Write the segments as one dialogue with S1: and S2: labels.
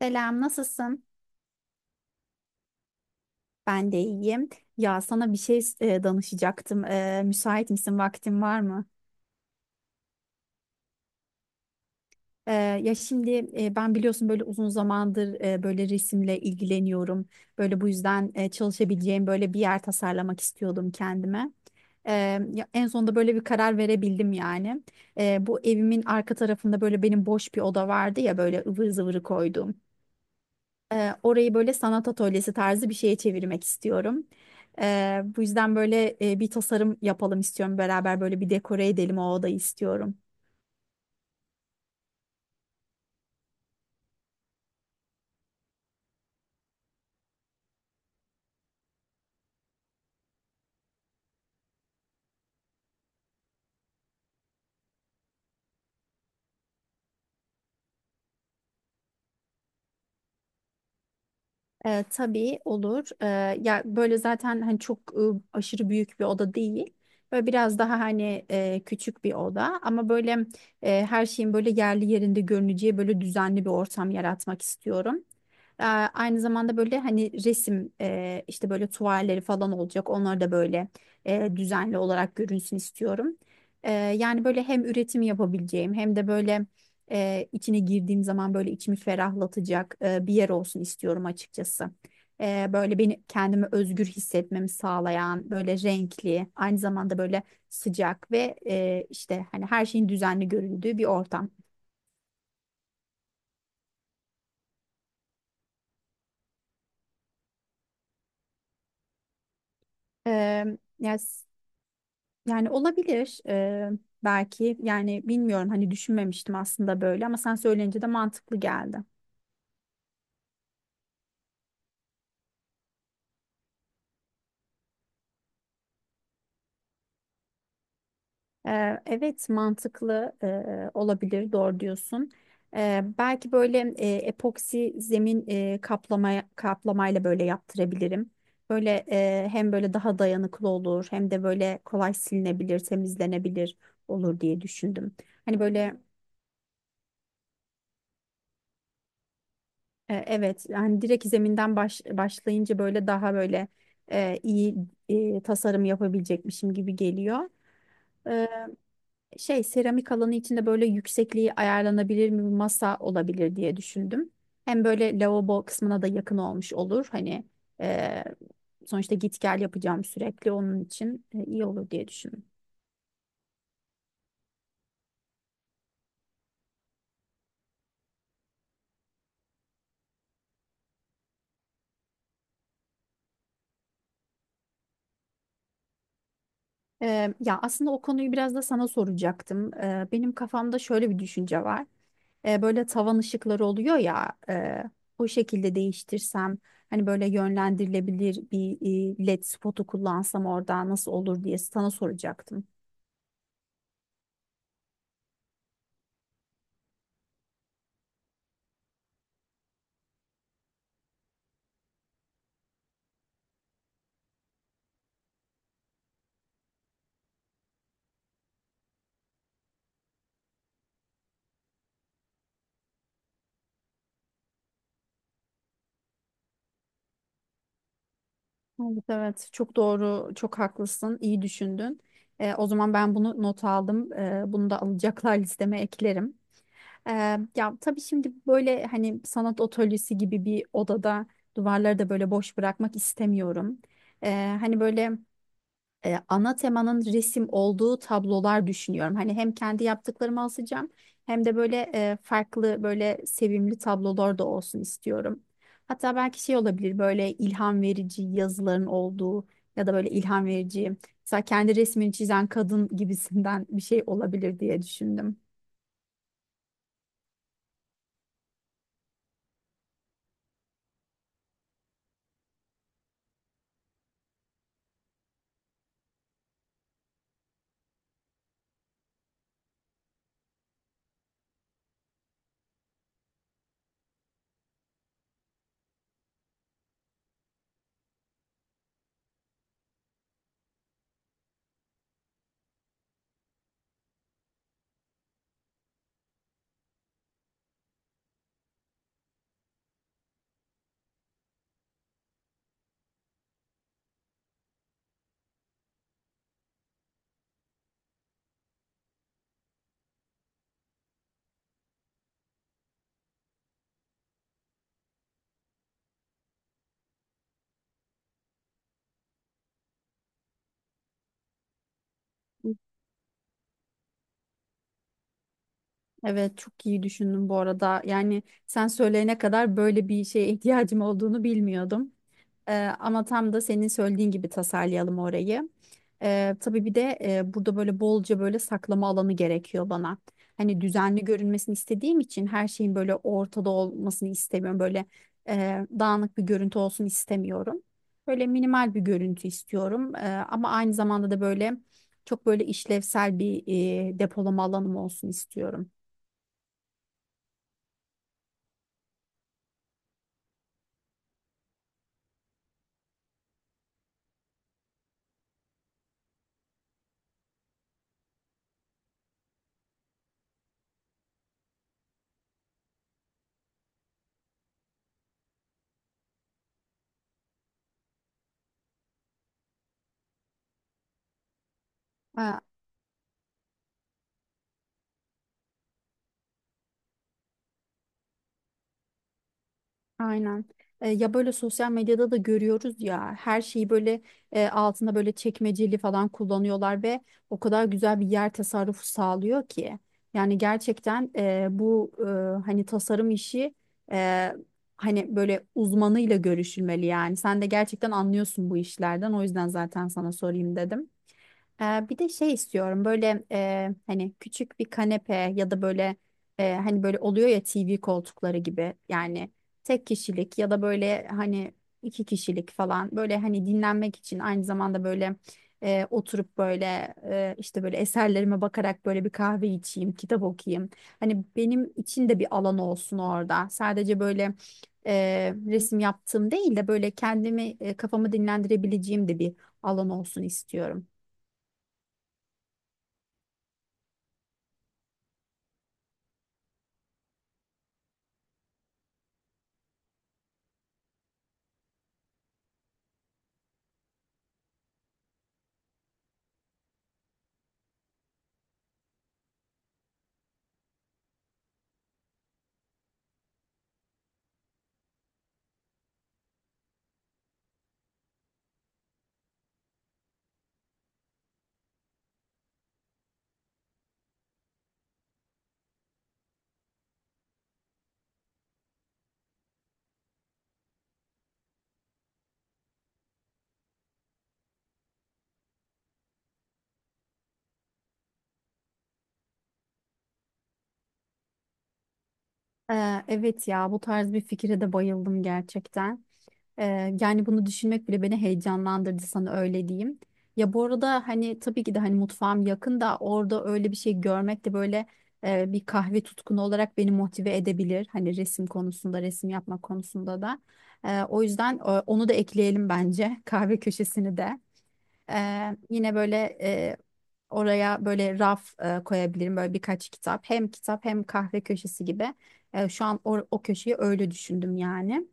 S1: Selam, nasılsın? Ben de iyiyim. Ya sana bir şey danışacaktım. Müsait misin? Vaktin var mı? E, ya şimdi ben biliyorsun böyle uzun zamandır böyle resimle ilgileniyorum. Böyle bu yüzden çalışabileceğim böyle bir yer tasarlamak istiyordum kendime. E, ya en sonunda böyle bir karar verebildim yani. Bu evimin arka tarafında böyle benim boş bir oda vardı ya böyle ıvır zıvırı koyduğum. Orayı böyle sanat atölyesi tarzı bir şeye çevirmek istiyorum. Bu yüzden böyle bir tasarım yapalım istiyorum. Beraber böyle bir dekore edelim o odayı istiyorum. Tabii olur. Ya böyle zaten hani çok aşırı büyük bir oda değil. Böyle biraz daha hani küçük bir oda ama böyle her şeyin böyle yerli yerinde görüneceği böyle düzenli bir ortam yaratmak istiyorum. Aynı zamanda böyle hani resim işte böyle tuvalleri falan olacak. Onlar da böyle düzenli olarak görünsün istiyorum. Yani böyle hem üretim yapabileceğim hem de böyle içine girdiğim zaman böyle içimi ferahlatacak bir yer olsun istiyorum açıkçası. Böyle beni kendimi özgür hissetmemi sağlayan, böyle renkli, aynı zamanda böyle sıcak ve işte hani her şeyin düzenli göründüğü bir ortam. E, yani, yani olabilir belki yani bilmiyorum hani düşünmemiştim aslında böyle ama sen söyleyince de mantıklı geldi. Evet mantıklı olabilir doğru diyorsun. Belki böyle epoksi zemin kaplamayla böyle yaptırabilirim. Böyle hem böyle daha dayanıklı olur hem de böyle kolay silinebilir, temizlenebilir olur diye düşündüm. Hani böyle evet hani direkt zeminden başlayınca böyle daha böyle iyi tasarım yapabilecekmişim gibi geliyor. Şey seramik alanı içinde böyle yüksekliği ayarlanabilir mi bir masa olabilir diye düşündüm. Hem böyle lavabo kısmına da yakın olmuş olur. Hani e, sonuçta git gel yapacağım sürekli onun için iyi olur diye düşündüm. Ya aslında o konuyu biraz da sana soracaktım. Benim kafamda şöyle bir düşünce var. Böyle tavan ışıkları oluyor ya, o şekilde değiştirsem hani böyle yönlendirilebilir bir led spotu kullansam orada nasıl olur diye sana soracaktım. Evet, evet. Çok doğru, çok haklısın. İyi düşündün. O zaman ben bunu not aldım. Bunu da alacaklar listeme eklerim. Ee, Ya tabii şimdi böyle hani sanat atölyesi gibi bir odada duvarları da böyle boş bırakmak istemiyorum. Hani böyle ana temanın resim olduğu tablolar düşünüyorum. Hani hem kendi yaptıklarımı asacağım hem de böyle farklı böyle sevimli tablolar da olsun istiyorum. Hatta belki şey olabilir böyle ilham verici yazıların olduğu ya da böyle ilham verici mesela kendi resmini çizen kadın gibisinden bir şey olabilir diye düşündüm. Evet çok iyi düşündün bu arada. Yani sen söyleyene kadar böyle bir şeye ihtiyacım olduğunu bilmiyordum. Ee, Ama tam da senin söylediğin gibi tasarlayalım orayı. Tabii bir de burada böyle bolca böyle saklama alanı gerekiyor bana. Hani düzenli görünmesini istediğim için her şeyin böyle ortada olmasını istemiyorum. Böyle dağınık bir görüntü olsun istemiyorum. Böyle minimal bir görüntü istiyorum. Ama aynı zamanda da böyle çok böyle işlevsel bir depolama alanım olsun istiyorum. Aynen. Ya böyle sosyal medyada da görüyoruz ya her şeyi böyle altında böyle çekmeceli falan kullanıyorlar ve o kadar güzel bir yer tasarrufu sağlıyor ki. Yani gerçekten hani tasarım işi e, hani böyle uzmanıyla görüşülmeli yani. Sen de gerçekten anlıyorsun bu işlerden o yüzden zaten sana sorayım dedim. Bir de şey istiyorum böyle hani küçük bir kanepe ya da böyle hani böyle oluyor ya TV koltukları gibi yani tek kişilik ya da böyle hani iki kişilik falan böyle hani dinlenmek için aynı zamanda böyle oturup böyle işte böyle eserlerime bakarak böyle bir kahve içeyim, kitap okuyayım. Hani benim için de bir alan olsun orada. Sadece böyle resim yaptığım değil de böyle kendimi kafamı dinlendirebileceğim de bir alan olsun istiyorum. Evet ya bu tarz bir fikre de bayıldım gerçekten. Yani bunu düşünmek bile beni heyecanlandırdı sana öyle diyeyim. Ya bu arada hani tabii ki de hani mutfağım yakın da orada öyle bir şey görmek de böyle bir kahve tutkunu olarak beni motive edebilir. Hani resim konusunda, resim yapma konusunda da. O yüzden onu da ekleyelim bence kahve köşesini de. Yine böyle oraya böyle raf koyabilirim böyle birkaç kitap. Hem kitap hem kahve köşesi gibi. Şu an o köşeyi öyle düşündüm yani.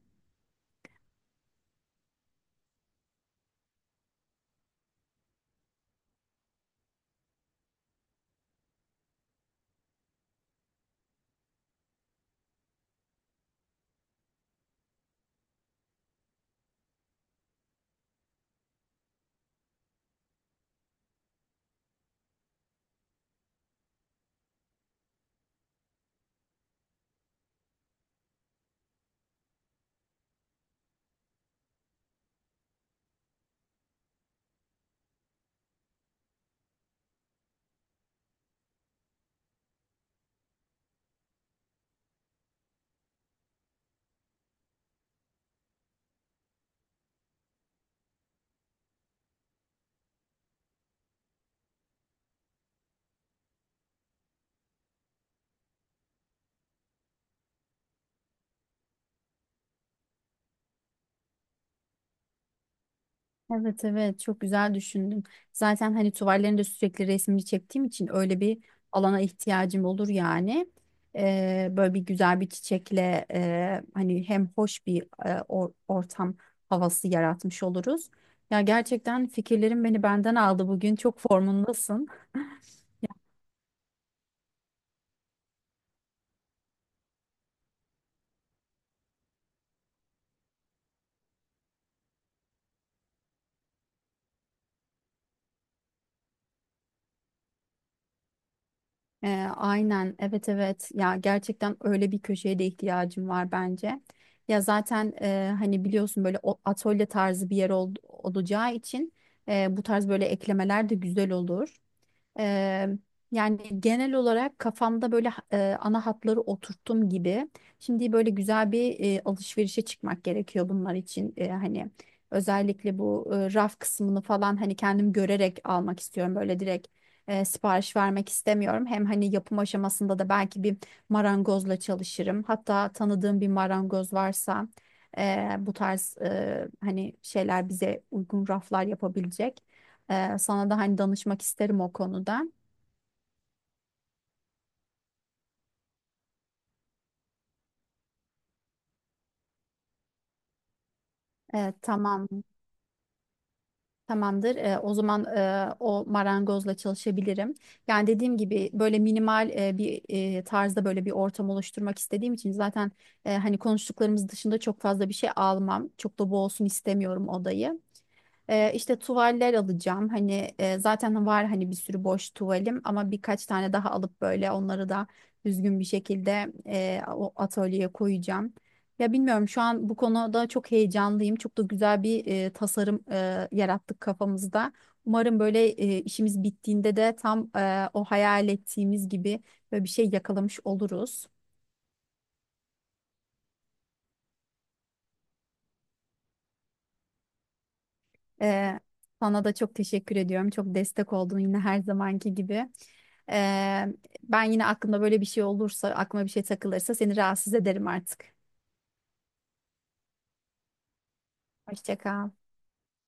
S1: Evet evet çok güzel düşündüm. Zaten hani tuvallerinde sürekli resmini çektiğim için öyle bir alana ihtiyacım olur yani. Böyle bir güzel bir çiçekle hani hem hoş bir ortam havası yaratmış oluruz. Ya gerçekten fikirlerin beni benden aldı bugün. Çok formundasın. Ee, aynen evet evet ya gerçekten öyle bir köşeye de ihtiyacım var bence. Ya zaten hani biliyorsun böyle atölye tarzı bir yer olacağı için bu tarz böyle eklemeler de güzel olur. Eee, Yani genel olarak kafamda böyle ana hatları oturttum gibi. Şimdi böyle güzel bir alışverişe çıkmak gerekiyor bunlar için. Hani özellikle bu raf kısmını falan hani kendim görerek almak istiyorum. Böyle direkt sipariş vermek istemiyorum. Hem hani yapım aşamasında da belki bir marangozla çalışırım. Hatta tanıdığım bir marangoz varsa bu tarz hani şeyler bize uygun raflar yapabilecek. Sana da hani danışmak isterim o konuda. Ee, tamam, Tamamdır. O zaman o marangozla çalışabilirim. Yani dediğim gibi böyle minimal bir tarzda böyle bir ortam oluşturmak istediğim için zaten hani konuştuklarımız dışında çok fazla bir şey almam. Çok da boğulsun istemiyorum odayı. İşte tuvaller alacağım. Hani zaten var hani bir sürü boş tuvalim ama birkaç tane daha alıp böyle onları da düzgün bir şekilde o atölyeye koyacağım. Ya bilmiyorum şu an bu konuda çok heyecanlıyım. Çok da güzel bir tasarım yarattık kafamızda. Umarım böyle işimiz bittiğinde de tam o hayal ettiğimiz gibi böyle bir şey yakalamış oluruz. Ee, Sana da çok teşekkür ediyorum. Çok destek oldun yine her zamanki gibi. Ee, Ben yine aklımda böyle bir şey olursa, aklıma bir şey takılırsa seni rahatsız ederim artık. Hoşça kal.